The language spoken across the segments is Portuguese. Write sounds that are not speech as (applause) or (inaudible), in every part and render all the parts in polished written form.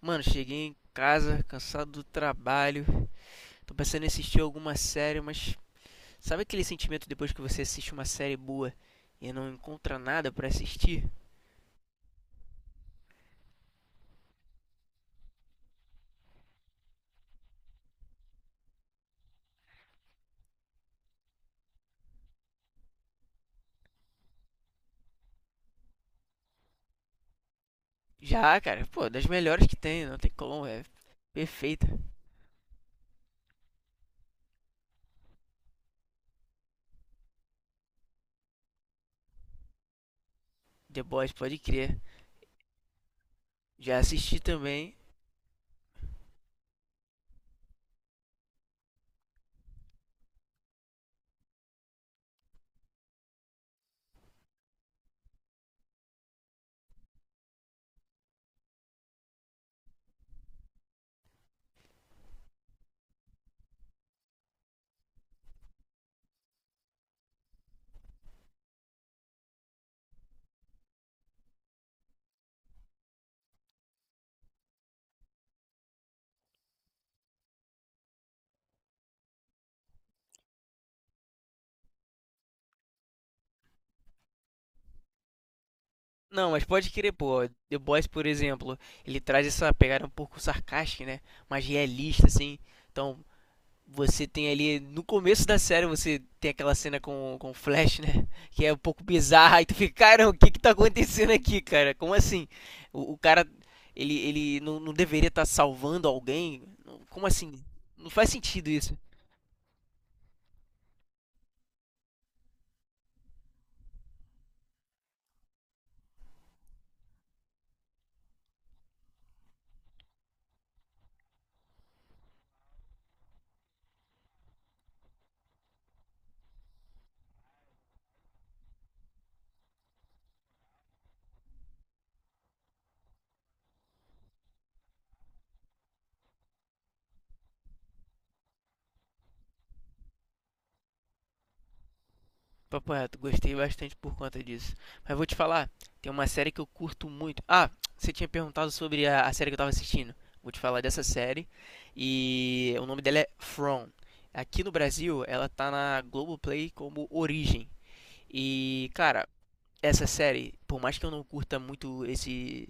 Mano, cheguei em casa, cansado do trabalho. Tô pensando em assistir alguma série, mas sabe aquele sentimento depois que você assiste uma série boa e não encontra nada pra assistir? Já, cara, pô, das melhores que tem, não tem como, é perfeita. The Boys, pode crer. Já assisti também. Não, mas pode crer, pô. The Boys, por exemplo, ele traz essa pegada um pouco sarcástica, né? Mais realista, assim. Então, você tem ali, no começo da série, você tem aquela cena com o Flash, né? Que é um pouco bizarra. E tu fica, cara, o que que tá acontecendo aqui, cara? Como assim? O cara, ele não, não deveria estar salvando alguém? Como assim? Não faz sentido isso. Papo reto, gostei bastante por conta disso. Mas vou te falar, tem uma série que eu curto muito. Ah, você tinha perguntado sobre a série que eu tava assistindo. Vou te falar dessa série. E o nome dela é From. Aqui no Brasil, ela tá na Globoplay como Origem. E, cara, essa série, por mais que eu não curta muito esse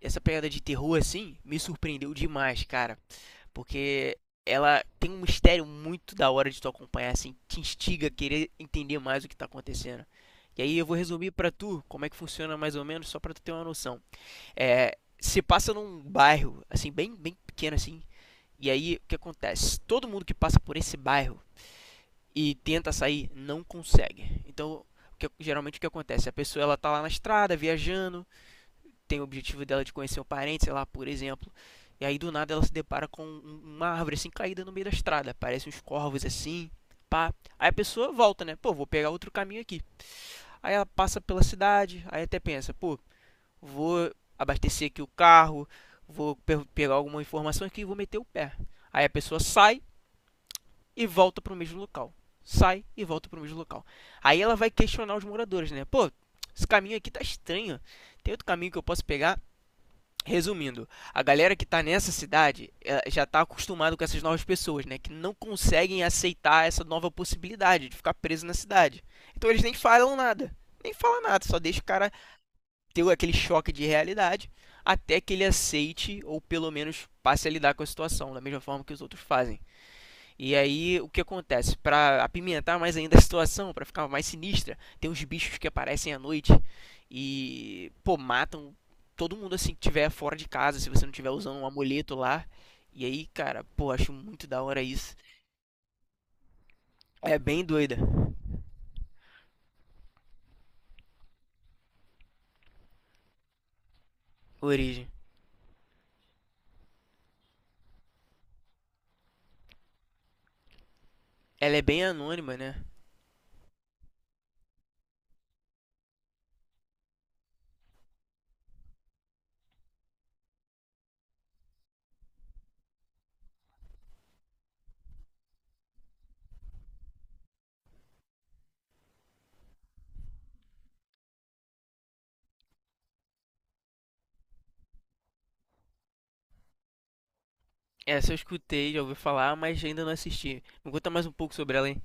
essa pegada de terror assim, me surpreendeu demais, cara. Porque ela tem um mistério muito da hora de tu acompanhar, assim, te instiga a querer entender mais o que tá acontecendo. E aí eu vou resumir pra tu como é que funciona mais ou menos, só pra tu ter uma noção. É, se passa num bairro, assim, bem, bem pequeno assim, e aí o que acontece? Todo mundo que passa por esse bairro e tenta sair não consegue. Então, geralmente o que acontece? A pessoa, ela tá lá na estrada, viajando, tem o objetivo dela de conhecer um parente, sei lá, por exemplo. E aí do nada ela se depara com uma árvore assim caída no meio da estrada. Aparecem uns corvos assim, pá. Aí a pessoa volta, né? Pô, vou pegar outro caminho aqui. Aí ela passa pela cidade, aí até pensa, pô, vou abastecer aqui o carro, pegar alguma informação aqui e vou meter o pé. Aí a pessoa sai e volta pro mesmo local. Sai e volta pro mesmo local. Aí ela vai questionar os moradores, né? Pô, esse caminho aqui tá estranho. Tem outro caminho que eu posso pegar? Resumindo, a galera que tá nessa cidade já tá acostumado com essas novas pessoas, né? Que não conseguem aceitar essa nova possibilidade de ficar preso na cidade. Então eles nem falam nada. Nem falam nada, só deixa o cara ter aquele choque de realidade até que ele aceite ou pelo menos passe a lidar com a situação, da mesma forma que os outros fazem. E aí, o que acontece? Para apimentar mais ainda a situação, para ficar mais sinistra, tem uns bichos que aparecem à noite e, pô, matam todo mundo assim que tiver fora de casa, se você não tiver usando um amuleto lá. E aí, cara, pô, acho muito da hora isso. É bem doida, Origem. Ela é bem anônima, né? Essa eu escutei, já ouvi falar, mas ainda não assisti. Me conta mais um pouco sobre ela, hein?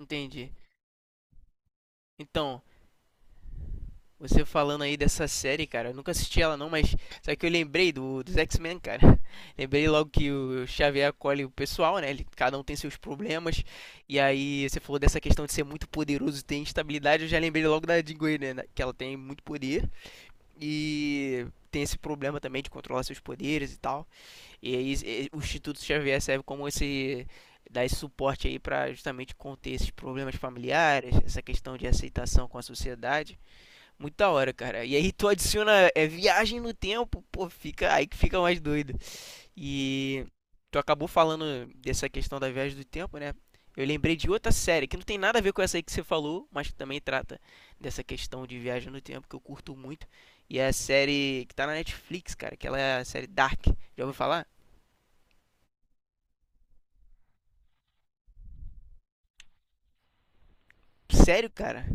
Entendi. Então, você falando aí dessa série, cara, eu nunca assisti ela não, mas só que eu lembrei dos X-Men, cara. (laughs) Lembrei logo que o Xavier acolhe o pessoal, né? Cada um tem seus problemas. E aí você falou dessa questão de ser muito poderoso, e ter instabilidade, eu já lembrei logo da Jean Grey, né? Que ela tem muito poder e tem esse problema também de controlar seus poderes e tal. E aí o Instituto Xavier serve como esse dar esse suporte aí pra justamente conter esses problemas familiares, essa questão de aceitação com a sociedade. Muito da hora, cara. E aí tu adiciona é viagem no tempo, pô, fica aí que fica mais doido. E tu acabou falando dessa questão da viagem do tempo, né? Eu lembrei de outra série que não tem nada a ver com essa aí que você falou, mas que também trata dessa questão de viagem no tempo que eu curto muito. E é a série que tá na Netflix, cara, que ela é a série Dark. Já ouviu falar? Sério, cara?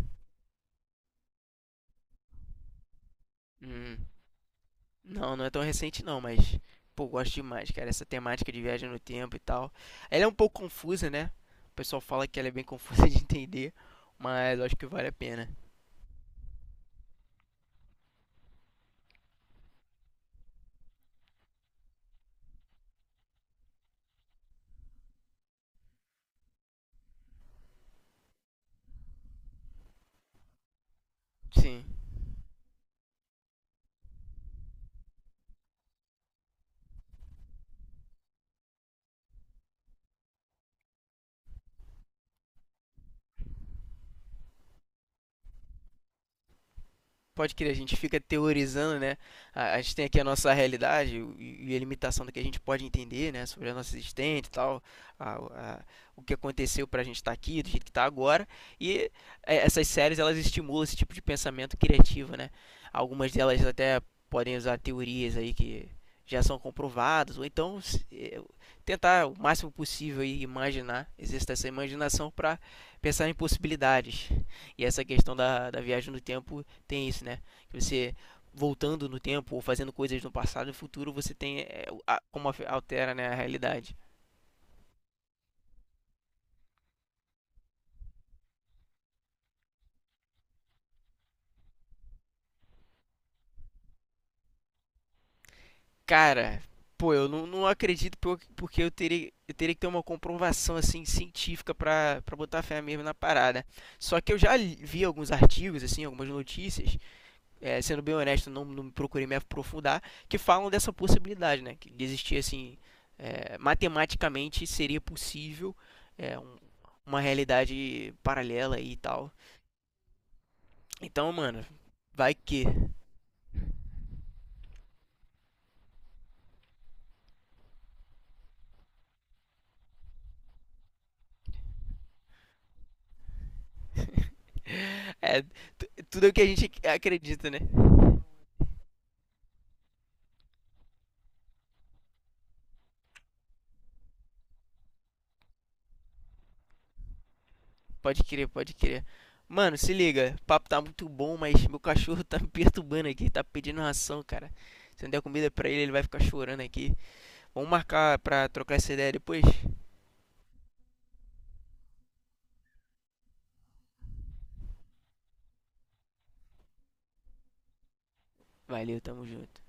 Hum. Não, não é tão recente não, mas pô, gosto demais, cara, essa temática de viagem no tempo e tal. Ela é um pouco confusa, né? O pessoal fala que ela é bem confusa (laughs) de entender, mas eu acho que vale a pena. Sim. Pode crer, a gente fica teorizando, né? A gente tem aqui a nossa realidade e a limitação do que a gente pode entender, né? Sobre a nossa existência e tal, a- a- o que aconteceu pra gente estar aqui, do jeito que tá agora. E é, essas séries, elas estimulam esse tipo de pensamento criativo, né? Algumas delas até podem usar teorias aí que já são comprovadas, ou então tentar o máximo possível aí imaginar, exercitar essa imaginação para pensar em possibilidades. E essa questão da viagem no tempo tem isso, né? Que você voltando no tempo ou fazendo coisas no passado e no futuro, você tem é, como altera, né, a realidade. Cara, pô, eu não, não acredito porque eu teria que ter uma comprovação assim científica pra botar fé mesmo na parada. Só que eu vi alguns artigos assim, algumas notícias é, sendo bem honesto, não, não procurei me aprofundar, que falam dessa possibilidade, né? Que existia assim, é, matematicamente seria possível é, uma realidade paralela e tal. Então, mano, vai que. É, tudo é o que a gente acredita, né? Pode crer, pode crer. Mano, se liga, o papo tá muito bom, mas meu cachorro (laughs) tá me perturbando aqui, tá pedindo ração, cara. Se não der comida pra ele, ele vai ficar chorando aqui. Vamos marcar pra trocar essa ideia depois? Valeu, tamo junto.